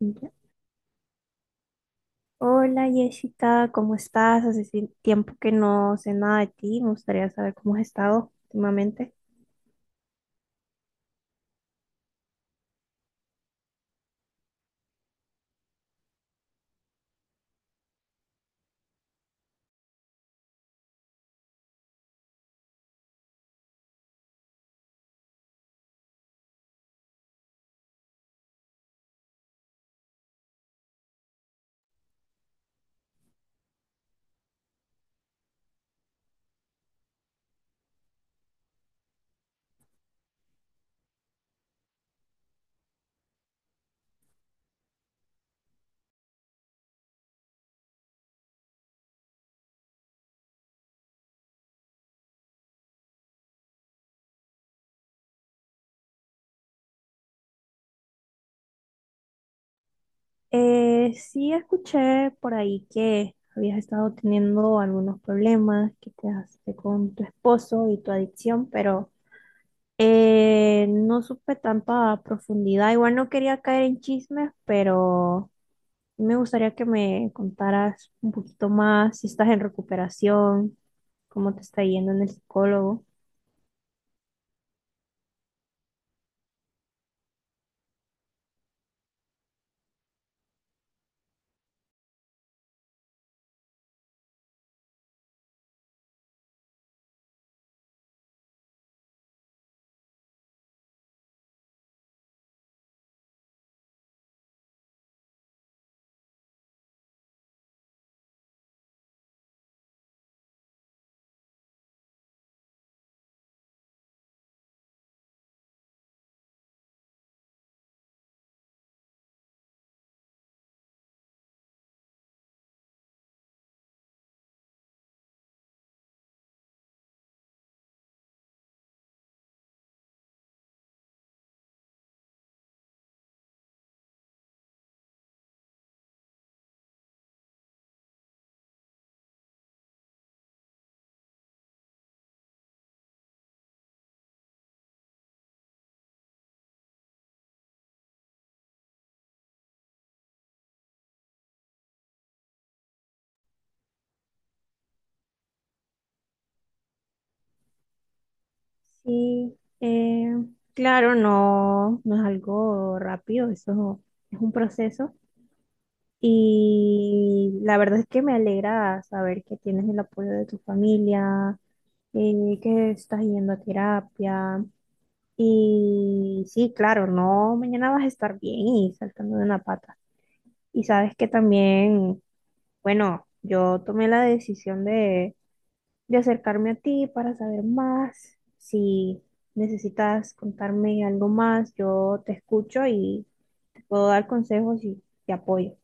Ya. Hola Jessica, ¿cómo estás? Hace tiempo que no sé nada de ti, me gustaría saber cómo has estado últimamente. Sí, escuché por ahí que habías estado teniendo algunos problemas que te hace con tu esposo y tu adicción, pero no supe tanta profundidad. Igual no quería caer en chismes, pero me gustaría que me contaras un poquito más si estás en recuperación, cómo te está yendo en el psicólogo. Sí, eh, claro, no, no es algo rápido, eso es un proceso. Y la verdad es que me alegra saber que tienes el apoyo de tu familia, que estás yendo a terapia. Y sí, claro, no, mañana vas a estar bien y saltando de una pata. Y sabes que también, bueno, yo tomé la decisión de acercarme a ti para saber más. Si necesitas contarme algo más, yo te escucho y te puedo dar consejos y te apoyo.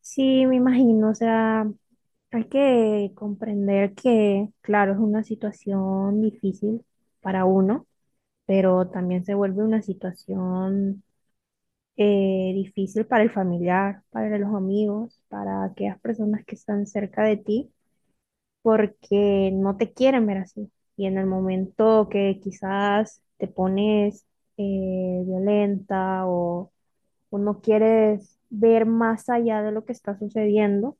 Sí, me imagino, o sea, hay que comprender que, claro, es una situación difícil para uno, pero también se vuelve una situación difícil para el familiar, para los amigos, para aquellas personas que están cerca de ti, porque no te quieren ver así. Y en el momento que quizás te pones violenta o no quieres ver más allá de lo que está sucediendo,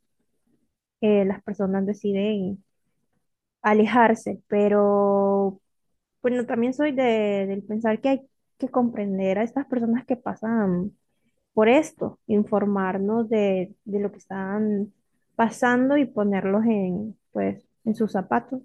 las personas deciden alejarse, pero bueno, también soy del pensar que hay que comprender a estas personas que pasan por esto, informarnos de lo que están pasando y ponerlos en, pues, en sus zapatos.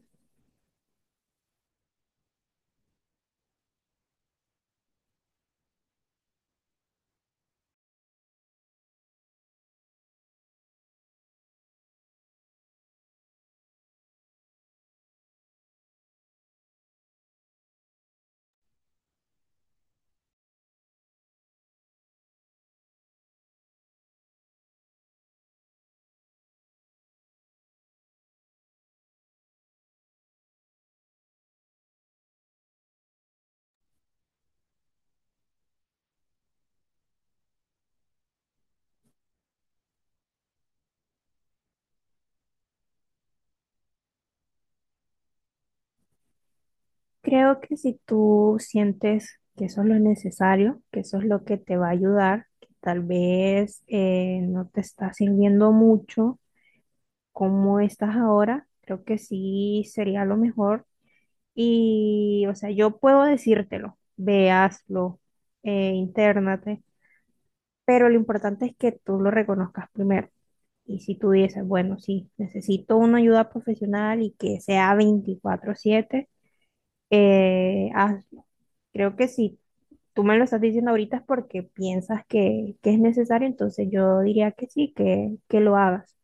Creo que si tú sientes que eso es lo necesario, que eso es lo que te va a ayudar, que tal vez no te está sirviendo mucho como estás ahora, creo que sí sería lo mejor. Y, o sea, yo puedo decírtelo, ve, hazlo, intérnate, pero lo importante es que tú lo reconozcas primero. Y si tú dices, bueno, sí, necesito una ayuda profesional y que sea 24/7, hazlo. Creo que si tú me lo estás diciendo ahorita es porque piensas que es necesario, entonces yo diría que sí, que lo hagas.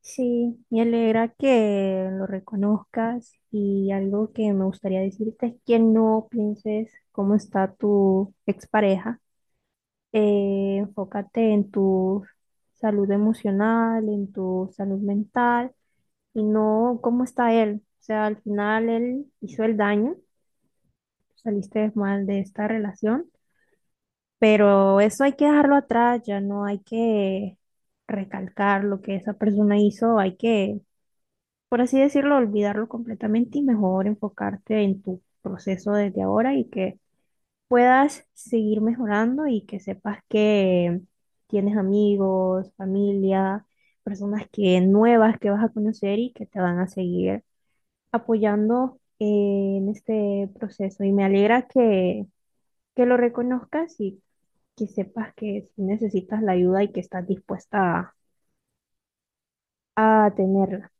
Sí, me alegra que lo reconozcas y algo que me gustaría decirte es que no pienses cómo está tu expareja. Enfócate en tu salud emocional, en tu salud mental y no cómo está él. O sea, al final él hizo el daño, saliste mal de esta relación, pero eso hay que dejarlo atrás, ya no hay que recalcar lo que esa persona hizo, hay que, por así decirlo, olvidarlo completamente y mejor enfocarte en tu proceso desde ahora y que puedas seguir mejorando y que sepas que tienes amigos, familia, personas que nuevas que vas a conocer y que te van a seguir apoyando en este proceso. Y me alegra que lo reconozcas y que sepas que si necesitas la ayuda y que estás dispuesta a tenerla.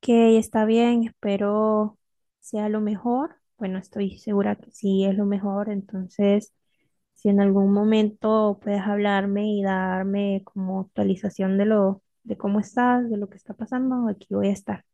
Que está bien, espero sea lo mejor. Bueno, estoy segura que sí es lo mejor, entonces si en algún momento puedes hablarme y darme como actualización de lo, de cómo estás, de lo que está pasando, aquí voy a estar.